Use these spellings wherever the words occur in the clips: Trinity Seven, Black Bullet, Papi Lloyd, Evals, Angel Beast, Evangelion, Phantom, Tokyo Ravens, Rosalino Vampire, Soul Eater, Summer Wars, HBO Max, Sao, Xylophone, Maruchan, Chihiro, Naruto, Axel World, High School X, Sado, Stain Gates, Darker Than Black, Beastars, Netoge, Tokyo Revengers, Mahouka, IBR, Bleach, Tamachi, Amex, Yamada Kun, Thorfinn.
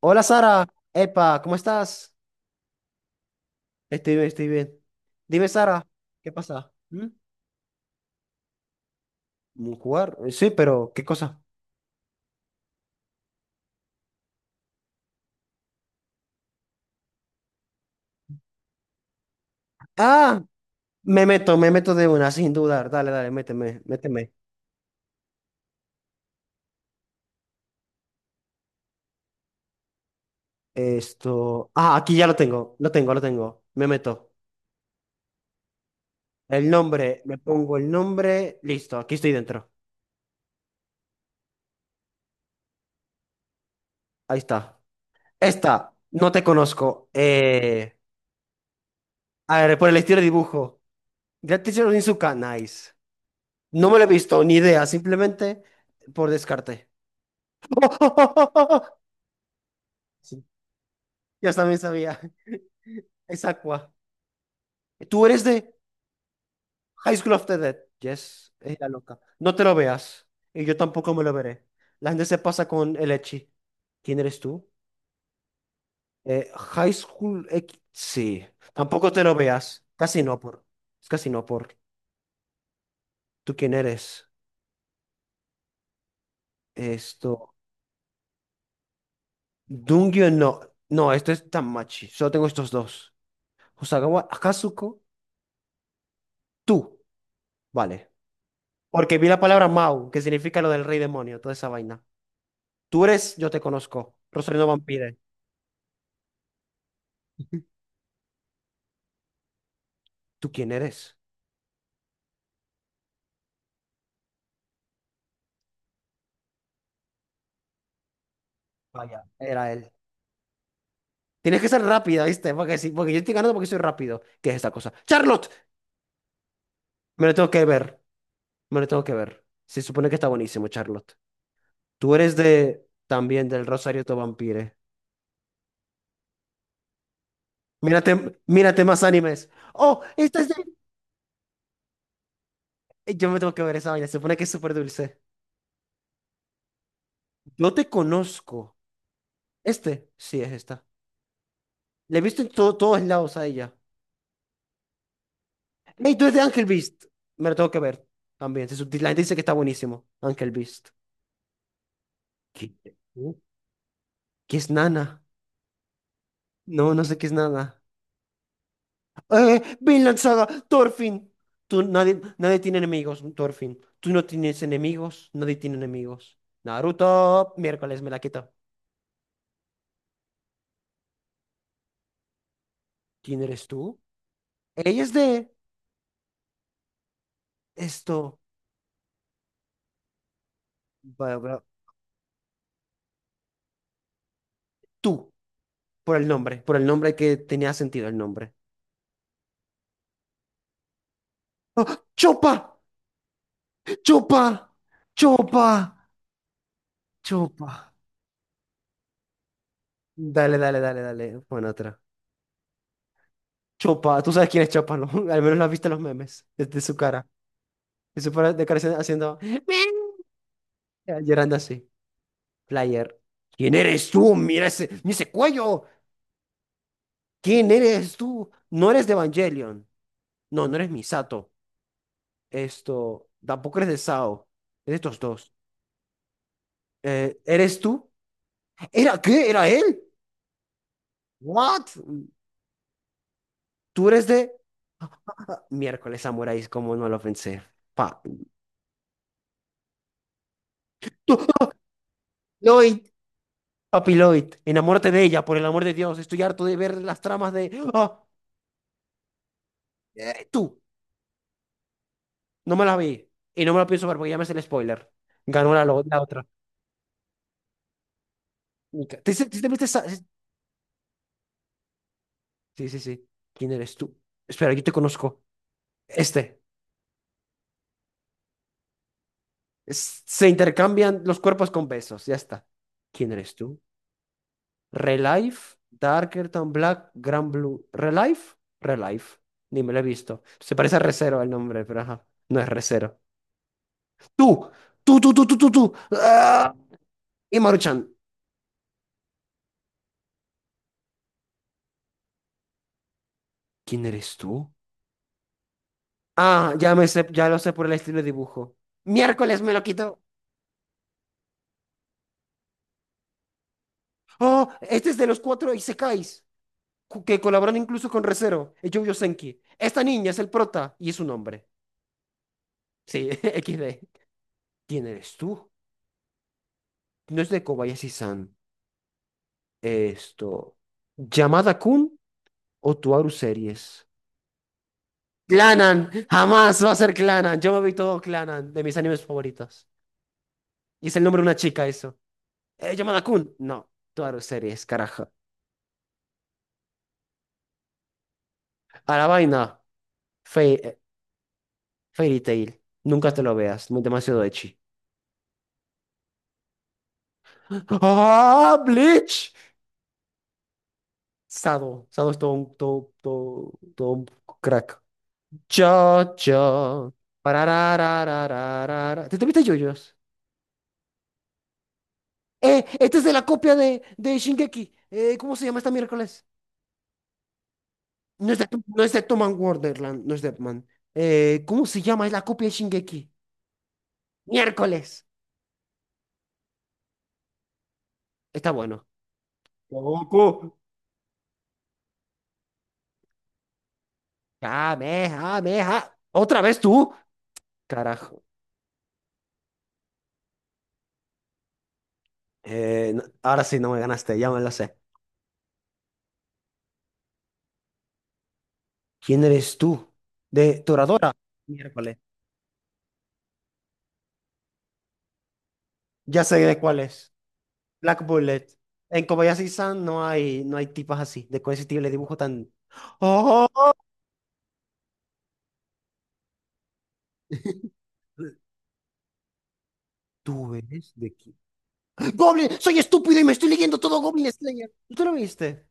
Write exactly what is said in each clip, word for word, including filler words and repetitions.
Hola, Sara, epa, ¿cómo estás? Estoy bien, estoy bien. Dime, Sara, ¿qué pasa? ¿Mm? ¿Mm, ¿jugar? Eh, Sí, pero ¿qué cosa? Ah, me meto, me meto de una, sin dudar. Dale, dale, méteme, méteme. Esto, ah, aquí ya lo tengo, lo tengo, lo tengo. Me meto. El nombre, me pongo el nombre, listo, aquí estoy dentro. Ahí está. Esta, no te conozco. Eh, a ver, por el estilo de dibujo. Gratis Onizuka, nice. No me lo he visto, ni idea, simplemente por descarte. Sí, yo también sabía. Es Aqua. Tú eres de High School of the Dead. Yes, es la loca. No te lo veas. Y yo tampoco me lo veré. La gente se pasa con el Echi. ¿Quién eres tú? Eh, High School X. Sí. Tampoco te lo veas. Casi no por. Es casi no por. ¿Tú quién eres? Esto. Dungyo no. No, esto es Tamachi. Solo tengo estos dos. Hosagawa Akazuko. Tú. Vale. Porque vi la palabra Mau, que significa lo del rey demonio, toda esa vaina. Tú eres, yo te conozco. Rosalino Vampire. ¿Tú quién eres? Vaya, era él. Tienes que ser rápida, ¿viste? Porque, sí, porque yo estoy ganando porque soy rápido. ¿Qué es esta cosa? ¡Charlotte! Me lo tengo que ver. Me lo tengo que ver. Se supone que está buenísimo, Charlotte. Tú eres de... También del Rosario to Vampire. Mírate, mírate más animes. ¡Oh! Esta es de... Yo me tengo que ver esa vaina. Se supone que es súper dulce. Yo te conozco. ¿Este? Sí, es esta. Le he visto en to- todos lados a ella. Hey, tú eres de Angel Beast. Me lo tengo que ver también. Se subti- La gente dice que está buenísimo. Angel Beast. ¿Qué? ¿Qué es Nana? No, no sé qué es Nana. ¡Eh! Vinland Saga, Thorfinn. Tú, nadie, nadie tiene enemigos, Thorfinn. Tú no tienes enemigos, nadie tiene enemigos. Naruto, miércoles me la quito. ¿Quién eres tú? Ella es de esto. Bla, bla. Tú, por el nombre, por el nombre que tenía sentido el nombre. ¡Ah! ¡Chopa! ¡Chopa! ¡Chopa! ¡Chopa! Dale, dale, dale, dale. Bueno, otra. Chopa, tú sabes quién es Chopa, ¿no? Al menos lo has visto en los memes, desde su cara. De su cara de cara haciendo, haciendo eh, llorando así. Player. ¿Quién eres tú? Mira ese, mira ese cuello. ¿Quién eres tú? No eres de Evangelion. No, no eres Misato. Esto, tampoco eres de Sao. Es de estos dos. Eh, ¿eres tú? ¿Era qué? ¿Era él? ¿What? ¿Tú eres de...? Miércoles, samuráis, como no lo pensé. Pa. ¡No! Papi Lloyd, enamórate de ella, por el amor de Dios. Estoy harto de ver las tramas de. ¡Ah! Eh, tú, no me la vi. Y no me la pienso ver porque ya me hace el spoiler. Ganó la, lo- la otra. Mi ca- ¿Te, te- te viste esa- Sí, sí, sí. ¿Quién eres tú? Espera, yo te conozco. Este. Es- se intercambian los cuerpos con besos. Ya está. ¿Quién eres tú? Relife, Darker Than Black, Grand Blue. ¿Relife? Relife. Ni me lo he visto. Se parece a Recero el nombre, pero ajá. No es Recero. Tú, tú, tú, tú, tú, tú, tú. ¡Ah! Y Maruchan, ¿quién eres tú? Ah, ya me sé, ya lo sé por el estilo de dibujo. Miércoles me lo quito. Oh, este es de los cuatro Isekais, cu- que colaboran incluso con Recero, y Yu-Yu Senki. Esta niña es el prota y es un hombre. Sí, X D. ¿Quién eres tú? No es de Kobayashi-san. Esto. ¿Yamada Kun o Tuaru Series? Clanan, jamás va a ser Clanan. Yo me vi todo Clanan, de mis animes favoritos. Y es el nombre de una chica, eso. Eh, ¿Yamada Kun? No. Tuaru Series, carajo. A la vaina, Fe- eh, Fairy Tail. Nunca te lo veas, muy demasiado ecchi. ¡Ah, Bleach! Sado, Sado es todo un, todo, todo, todo un crack. Yo, yo. Pararararararara. ¿Te tuviste yoyos? ¡Eh! Esta es de la copia de, de Shingeki. Eh, ¿cómo se llama esta miércoles? No es de, no es de Tom and Wonderland, no es de Man. Eh, ¿cómo se llama? Es la copia de Shingeki. Miércoles. Está bueno. Goku. Kamehameha. ¿Otra vez tú? Carajo. Eh, no- ahora sí no me ganaste, ya me la sé. ¿Quién eres tú? De Toradora. Miércoles. Ya sé de cuál es. Black Bullet. En Kobayashi-san no hay, no hay tipas así, de con ese tipo de dibujo tan. ¡Oh! ¿Tú eres de quién? ¡Goblin! ¡Soy estúpido y me estoy leyendo todo Goblin Slayer! ¿Tú lo viste?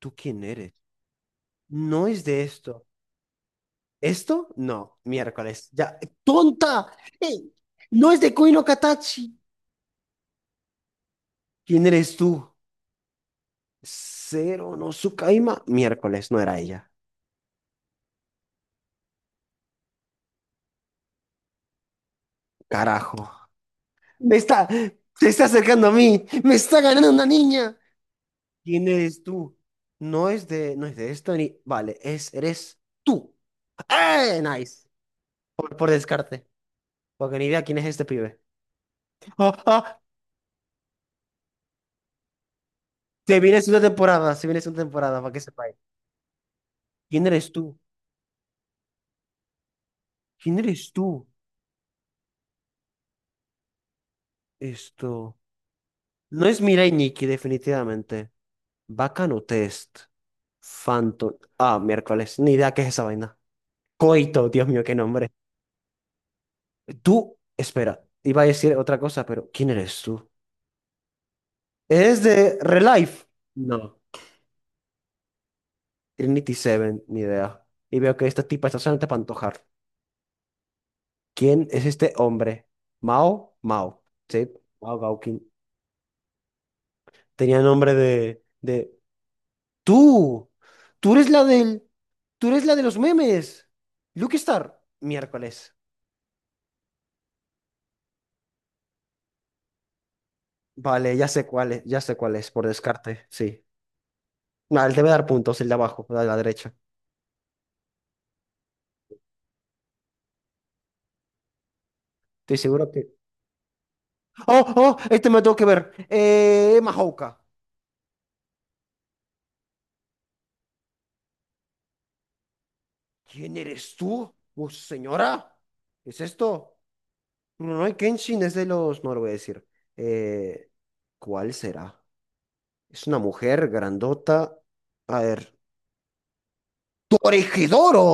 ¿Tú quién eres? No es de esto. ¿Esto? No, miércoles. Ya. ¡Tonta! ¡Ey! ¡No es de Koino Katachi! ¿Quién eres tú? Cero no Tsukaima, miércoles, no era ella. Carajo. Me está, se está acercando a mí. Me está ganando una niña. ¿Quién eres tú? No es de, no es de esto ni. Vale, es, eres tú. ¡Eh! Nice. Por, por descarte. Porque ni idea quién es este pibe. ¡Ah, ah! Se viene una temporada, se viene una temporada, para que sepáis. ¿Quién eres tú? ¿Quién eres tú? Esto. No es Mirai Nikki, definitivamente. Bacano test. Phantom. Ah, miércoles. Ni idea qué es esa vaina. Coito, Dios mío, qué nombre. Tú, espera, iba a decir otra cosa, pero ¿quién eres tú? ¿Eres de Relife? No. Trinity Seven, ni idea. Y veo que esta tipa está solamente para antojar. ¿Quién es este hombre? Mao, Mao. Sí, Mao Gaukin. Tenía nombre de, de... ¡Tú! ¡Tú eres la del... ¡Tú eres la de los memes! Lucky Star. Miércoles. Vale, ya sé cuál es, ya sé cuál es, por descarte, sí. No, él debe dar puntos, el de abajo, el de la derecha. Estoy seguro que. ¡Oh, oh! Este me lo tengo que ver. Eh, Mahouka. ¿Quién eres tú? Oh, señora. ¿Qué es esto? Rurouni Kenshin es de los. No lo voy a decir. Eh, ¿cuál será? Es una mujer grandota. A ver. ¡Toregidoro!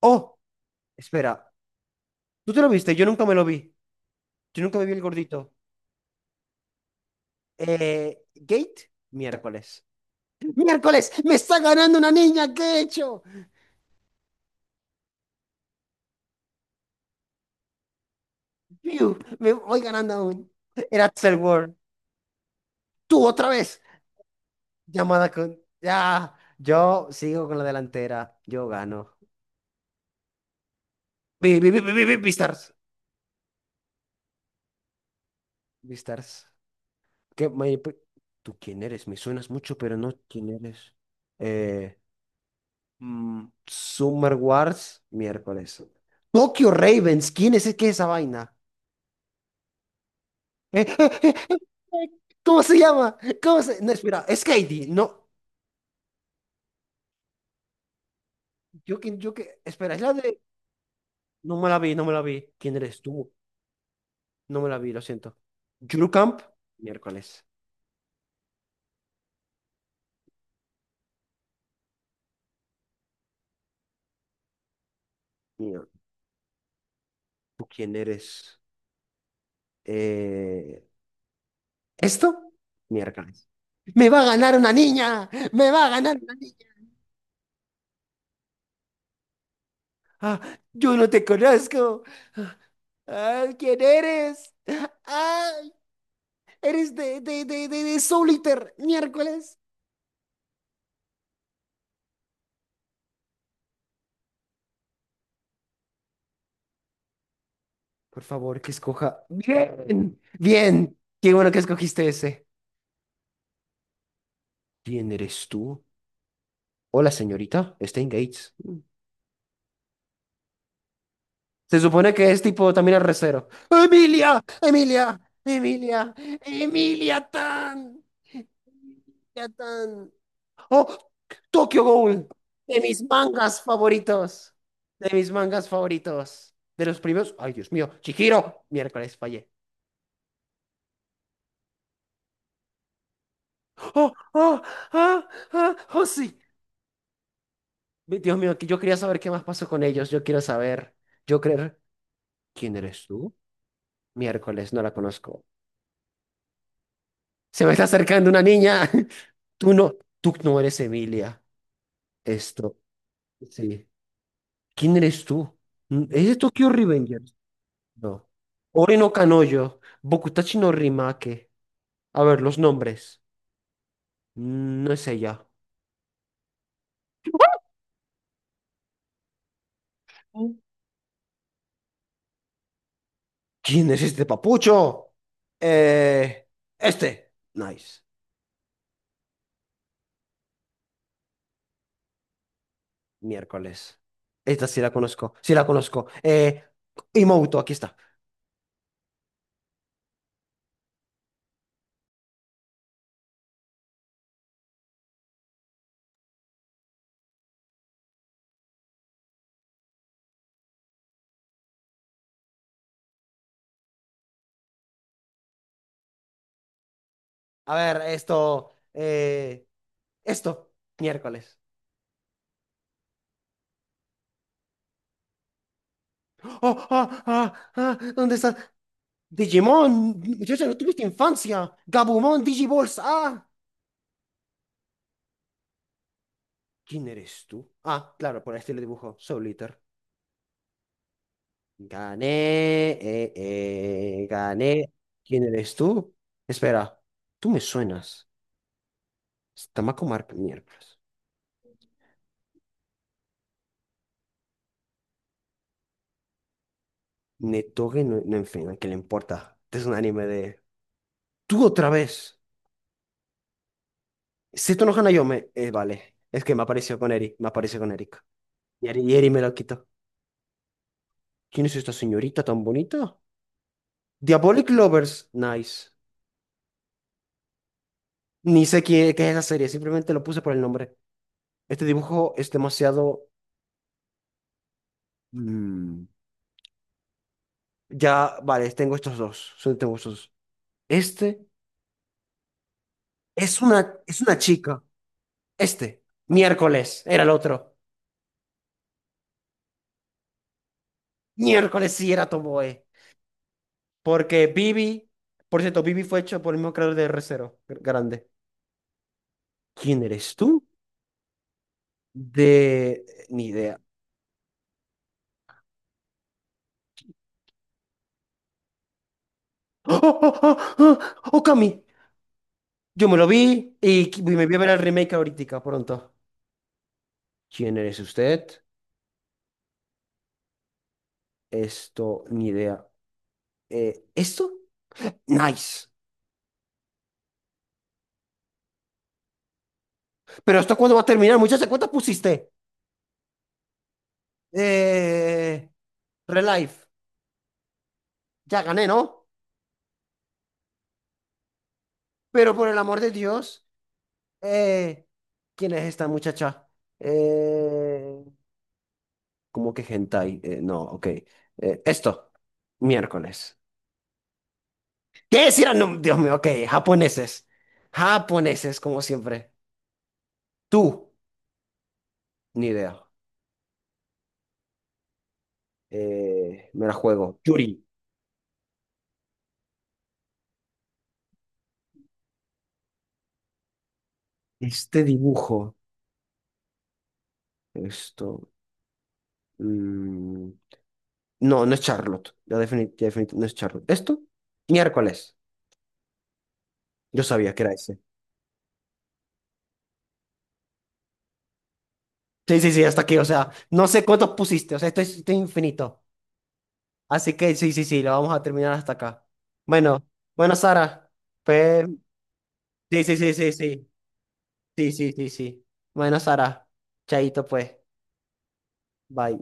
Oh, espera. ¿Tú te lo viste? Yo nunca me lo vi. Yo nunca me vi el gordito. Eh, Gate, miércoles. ¡Miércoles! ¡Me está ganando una niña! ¿Qué he hecho? Piu, me voy ganando aún. Era Axel World. Tú otra vez. Llamada con. Ya. Yo sigo con la delantera. Yo gano. Vi, vi, vi, vi, vi, vi, Beastars. Beastars. ¿Qué, me- pe- ¿Tú quién eres? Me suenas mucho, pero no quién eres. Eh, mm, Summer Wars, miércoles. Tokyo Ravens. ¿Quién es, qué es esa vaina? Eh, eh, eh, eh, eh, ¿Cómo se llama? ¿Cómo se...? No, espera. Es Katie. No. Yo que, yo que... Espera, es la de... No me la vi, no me la vi. ¿Quién eres tú? No me la vi, lo siento. Camp, miércoles. Mío, ¿tú quién eres? Eh, ¿esto? Miércoles. ¡Me va a ganar una niña! ¡Me va a ganar una niña! Ah, yo no te conozco. Ah, ah, ¿quién eres? ¡Ay! Eres de, de, de, de, de Soul Eater, miércoles. Por favor, que escoja. Bien, bien. Qué bueno que escogiste ese. ¿Quién eres tú? Hola, señorita. Stain Gates. Se supone que es tipo también el recero. ¡Emilia! ¡Emilia! ¡Emilia! ¡Emilia Tan! ¡Emilia Tan! ¡Oh! ¡Tokyo Ghoul! De mis mangas favoritos. De mis mangas favoritos. De los primeros. ¡Ay, Dios mío! ¡Chihiro! Miércoles, fallé. ¡Oh! ¡Oh! ¡Ah! ¡Ah! ¡Oh, sí! Dios mío, que yo quería saber qué más pasó con ellos. Yo quiero saber. Yo creer. ¿Quién eres tú? Miércoles, no la conozco. Se me está acercando una niña. Tú no, tú no eres Emilia. Esto, sí. ¿Quién eres tú? Mm, es ¿Eres Tokyo Revengers? No. Ori no Kanojo, Bokutachi no Rimake. A ver, los nombres. Mm, no es ella. Mm. ¿Quién es este papucho? Eh, este. Nice. Miércoles. Esta sí la conozco. Sí la conozco. Eh, Imouto, aquí está. A ver, esto. eh, esto. Miércoles. ¡Ah, ah, ah, ah! ¿Dónde está Digimon, muchacha, no tuviste infancia. Gabumon, Digiballs, ah. ¿Quién eres tú? Ah, claro, por este le dibujo. Soul Eater. Gané, eh, eh, gané. ¿Quién eres tú? Espera, tú me suenas. Tamako Mark, miércoles. Netoge, no, no, en fin, ¿qué le importa? Este es un anime de... ¡Tú otra vez! Seto no Hanayome. Eh, vale, es que me apareció con Eri, me apareció con Erika. Y Eri, y Eri me lo quitó. ¿Quién es esta señorita tan bonita? Diabolic Lovers. Nice. Ni sé qué, qué es la serie, simplemente lo puse por el nombre. Este dibujo es demasiado... mm, ya, vale, tengo estos dos. Solo tengo estos dos. Este es una, es una chica. Este. Miércoles era el otro. Miércoles sí era Tomoe. Porque Bibi... Por cierto, Bibi fue hecho por el mismo creador de R cero. Grande. ¿Quién eres tú? De... Ni idea. ¡Oh, oh, oh, oh! Oh, Okami! Yo me lo vi y qui- me voy a ver el remake ahorita, pronto. ¿Quién eres usted? Esto, ni idea. Eh, ¿esto? Nice. Pero ¿esto cuándo va a terminar, muchacha? ¿Cuántas pusiste? Eh, Relife. Ya gané, ¿no? Pero por el amor de Dios, eh, ¿quién es esta muchacha? Eh, ¿cómo que hentai? Eh, no, ok. Eh, esto, miércoles. ¿Qué decir? Dios mío, ok, japoneses. Japoneses, como siempre. Tú. Ni idea. Eh, me la juego. Yuri. Este dibujo. Esto. Mm, no, no es Charlotte. Ya defini- ya definitivamente no es Charlotte. ¿Esto? Miércoles. Yo sabía que era ese. Sí, sí, sí, hasta aquí. O sea, no sé cuántos pusiste. O sea, esto es, esto es infinito. Así que sí, sí, sí, lo vamos a terminar hasta acá. Bueno, bueno, Sara. Pues, sí, sí, sí, sí, sí. Sí, sí, sí, sí. Bueno, Sara. Chaito, pues. Bye.